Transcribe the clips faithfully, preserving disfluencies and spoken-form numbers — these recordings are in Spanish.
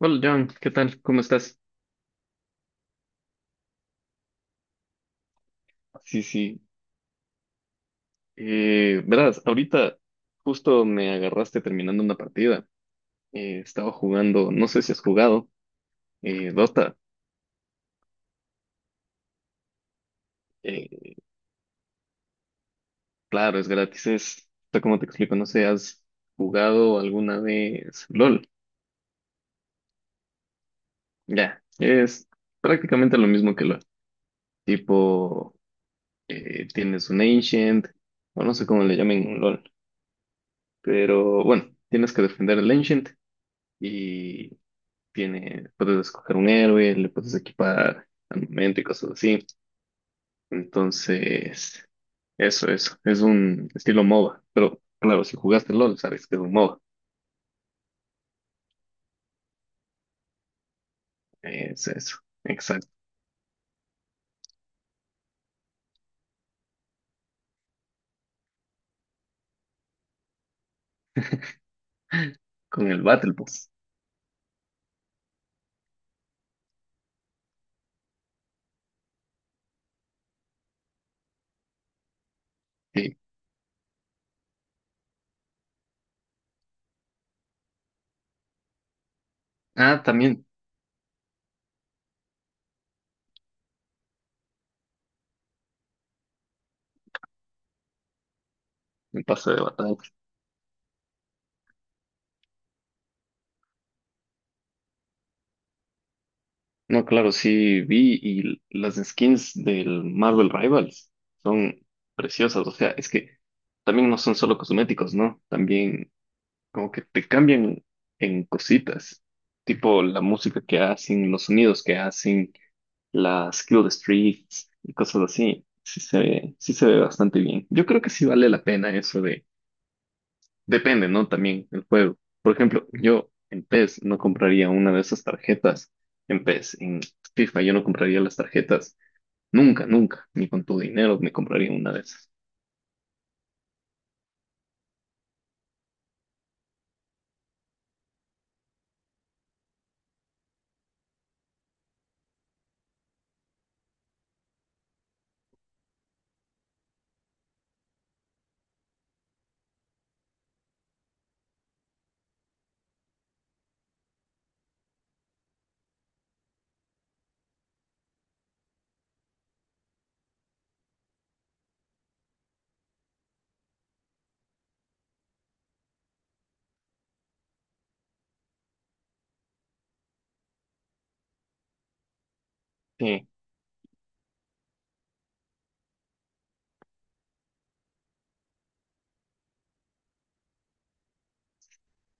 Hola John, ¿qué tal? ¿Cómo estás? Sí, sí. Eh, verás, ahorita justo me agarraste terminando una partida. Eh, estaba jugando, no sé si has jugado, eh, Dota. Eh, claro, es gratis, es, o sea, ¿cómo te explico? No sé, ¿has jugado alguna vez LOL? Ya, es prácticamente lo mismo que LOL. Tipo, eh, tienes un Ancient, o no sé cómo le llamen en LOL, pero bueno, tienes que defender el Ancient y Tiene, puedes escoger un héroe, le puedes equipar armamento y cosas así. Entonces, eso, eso. Es un estilo MOBA. Pero claro, si jugaste LOL, sabes que es un MOBA. Es eso. Exacto. Con el Battle Pass. Sí. Ah, también. El pase de batalla. No, claro, sí vi, y las skins del Marvel Rivals son preciosas. O sea, es que también no son solo cosméticos, ¿no? También como que te cambian en cositas, tipo la música que hacen, los sonidos que hacen, las kill the streets y cosas así. Sí se ve, sí se ve bastante bien. Yo creo que sí vale la pena eso de, depende, ¿no? También el juego. Por ejemplo, yo en PES no compraría una de esas tarjetas. En PES, en FIFA yo no compraría las tarjetas. Nunca, nunca, ni con tu dinero me compraría una de esas. Sí.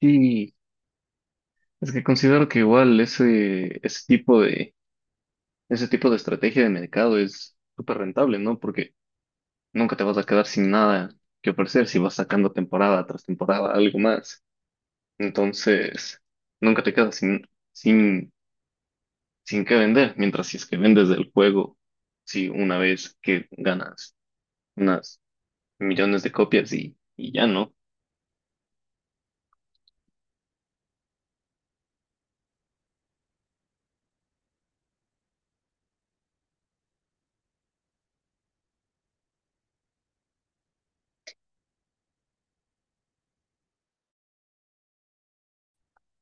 Y es que considero que igual ese, ese tipo de Ese tipo de estrategia de mercado es súper rentable, ¿no? Porque nunca te vas a quedar sin nada que ofrecer si vas sacando temporada tras temporada algo más. Entonces, nunca te quedas sin, sin, sin qué vender, mientras si es que vendes el juego, si una vez que ganas unas millones de copias y, y ya, ¿no?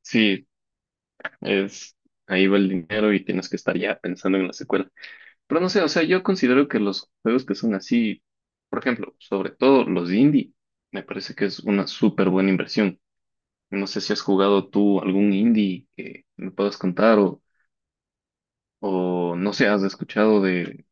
Sí, es ahí va el dinero y tienes que estar ya pensando en la secuela. Pero no sé, o sea, yo considero que los juegos que son así, por ejemplo, sobre todo los indie, me parece que es una súper buena inversión. No sé si has jugado tú algún indie que me puedas contar o, o no sé, has escuchado de...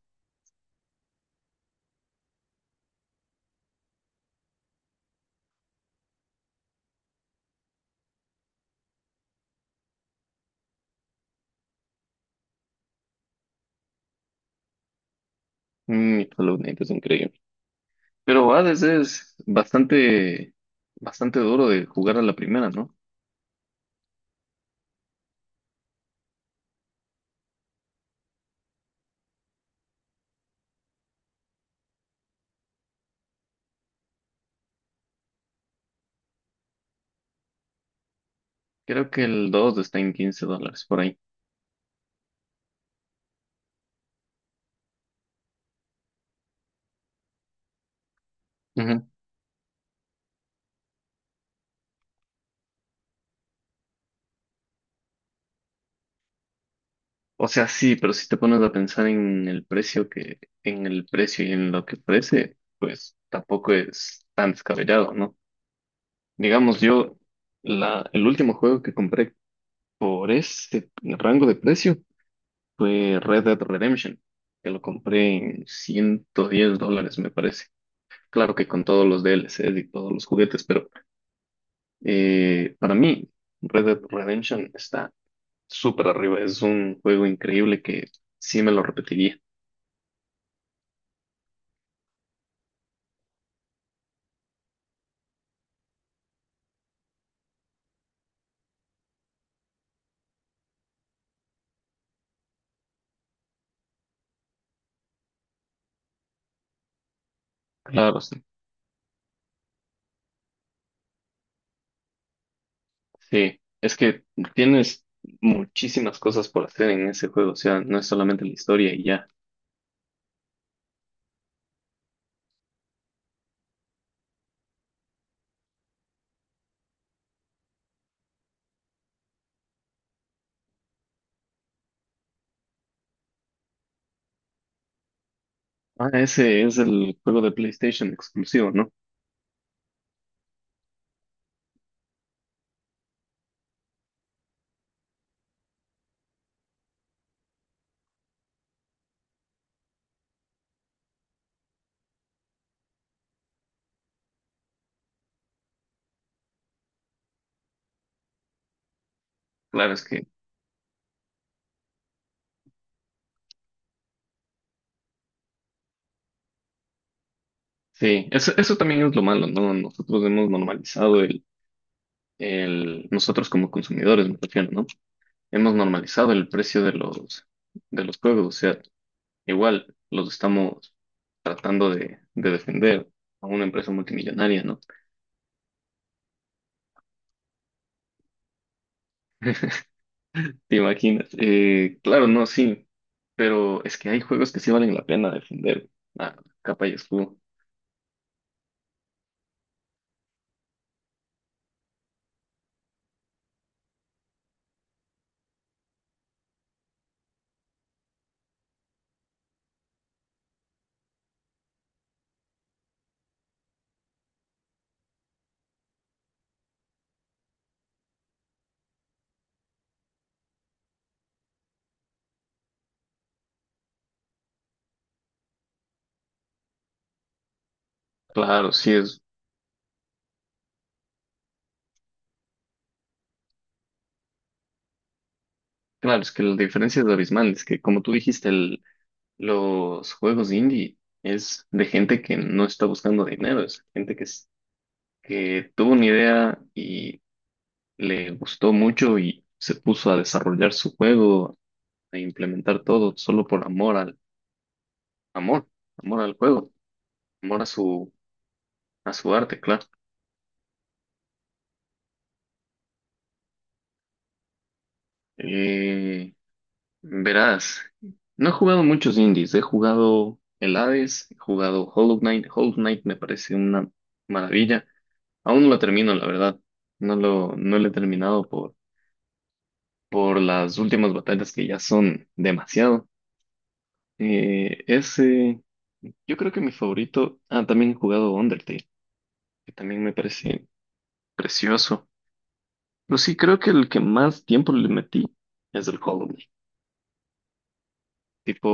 Mm, Hollow Knight es increíble. Pero Hades es bastante, bastante duro de jugar a la primera, ¿no? Creo que el dos está en quince dólares por ahí. O sea, sí, pero si te pones a pensar en el precio que, en el precio y en lo que ofrece, pues tampoco es tan descabellado, ¿no? Digamos, yo, la, el último juego que compré por ese rango de precio fue Red Dead Redemption, que lo compré en ciento diez dólares, me parece. Claro que con todos los D L Cs y todos los juguetes, pero eh, para mí, Red Dead Redemption está súper arriba. Es un juego increíble que sí me lo repetiría. Claro, sí, es que tienes muchísimas cosas por hacer en ese juego, o sea, no es solamente la historia y ya. Ah, ese es el juego de PlayStation exclusivo, ¿no? Claro, es que sí, eso, eso también es lo malo, ¿no? Nosotros hemos normalizado el, el, nosotros como consumidores, me refiero, ¿no? Hemos normalizado el precio de los, de los, juegos, o sea, igual los estamos tratando de, de defender a una empresa multimillonaria, ¿no? ¿Te imaginas? Eh, claro, no, sí, pero es que hay juegos que sí valen la pena defender. Ah, capa y escudo. Claro, sí es. Claro, es que la diferencia es abismal. Es que, como tú dijiste, el- los juegos indie es de gente que no está buscando dinero, es gente que, es- que tuvo una idea y le gustó mucho y se puso a desarrollar su juego, a implementar todo solo por amor al amor, amor al juego, amor a su, a su, arte, claro. Eh, Verás, no he jugado muchos indies, he jugado el Hades, he jugado Hollow Knight. Hollow Knight me parece una maravilla. Aún no lo termino, la verdad. No lo, no lo he terminado por, por las últimas batallas que ya son demasiado. Eh, ese, yo creo que mi favorito, ah, también he jugado Undertale, que también me parece precioso. Pero sí, creo que el que más tiempo le metí es el Hollow Knight. Tipo,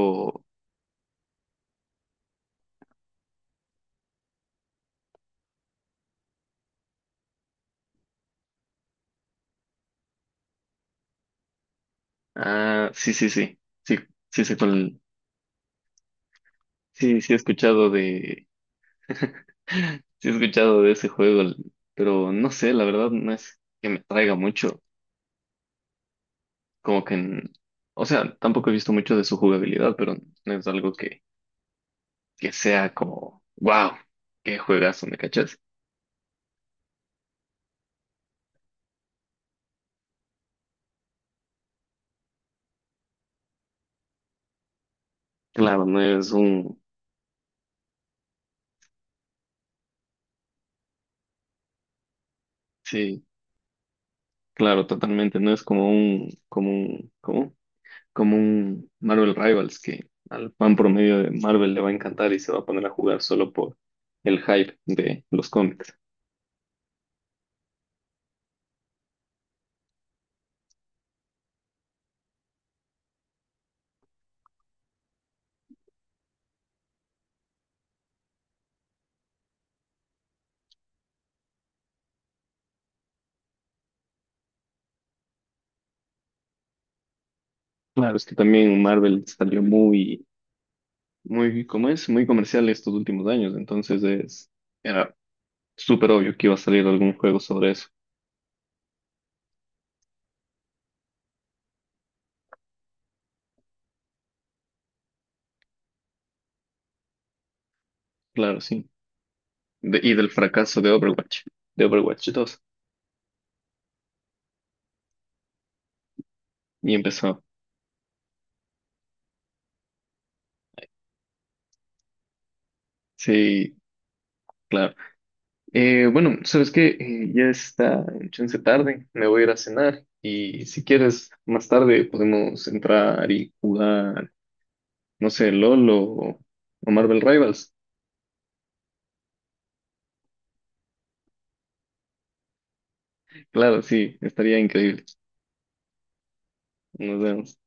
ah, sí, sí, sí, sí, sí sé cuál. Sí, sí he escuchado de, sí he escuchado de ese juego, pero no sé, la verdad no es que me traiga mucho, como que, n- o sea, tampoco he visto mucho de su jugabilidad, pero no es algo que, que sea como, wow, qué juegazo, ¿me cachas? Claro, no es un, sí, claro, totalmente, no es como un, como un, como, como un Marvel Rivals que al fan promedio de Marvel le va a encantar y se va a poner a jugar solo por el hype de los cómics. Claro, es que también Marvel salió muy, muy, ¿cómo es? Muy comercial estos últimos años, entonces es, era súper obvio que iba a salir algún juego sobre eso. Claro, sí. De- y del fracaso de Overwatch, de Overwatch dos. Y empezó. Sí, claro. Eh, bueno, ¿sabes qué? Eh, ya está en chance tarde, me voy a ir a cenar y si quieres, más tarde podemos entrar y jugar, no sé, LOL o, o Marvel Rivals. Claro, sí, estaría increíble. Nos vemos.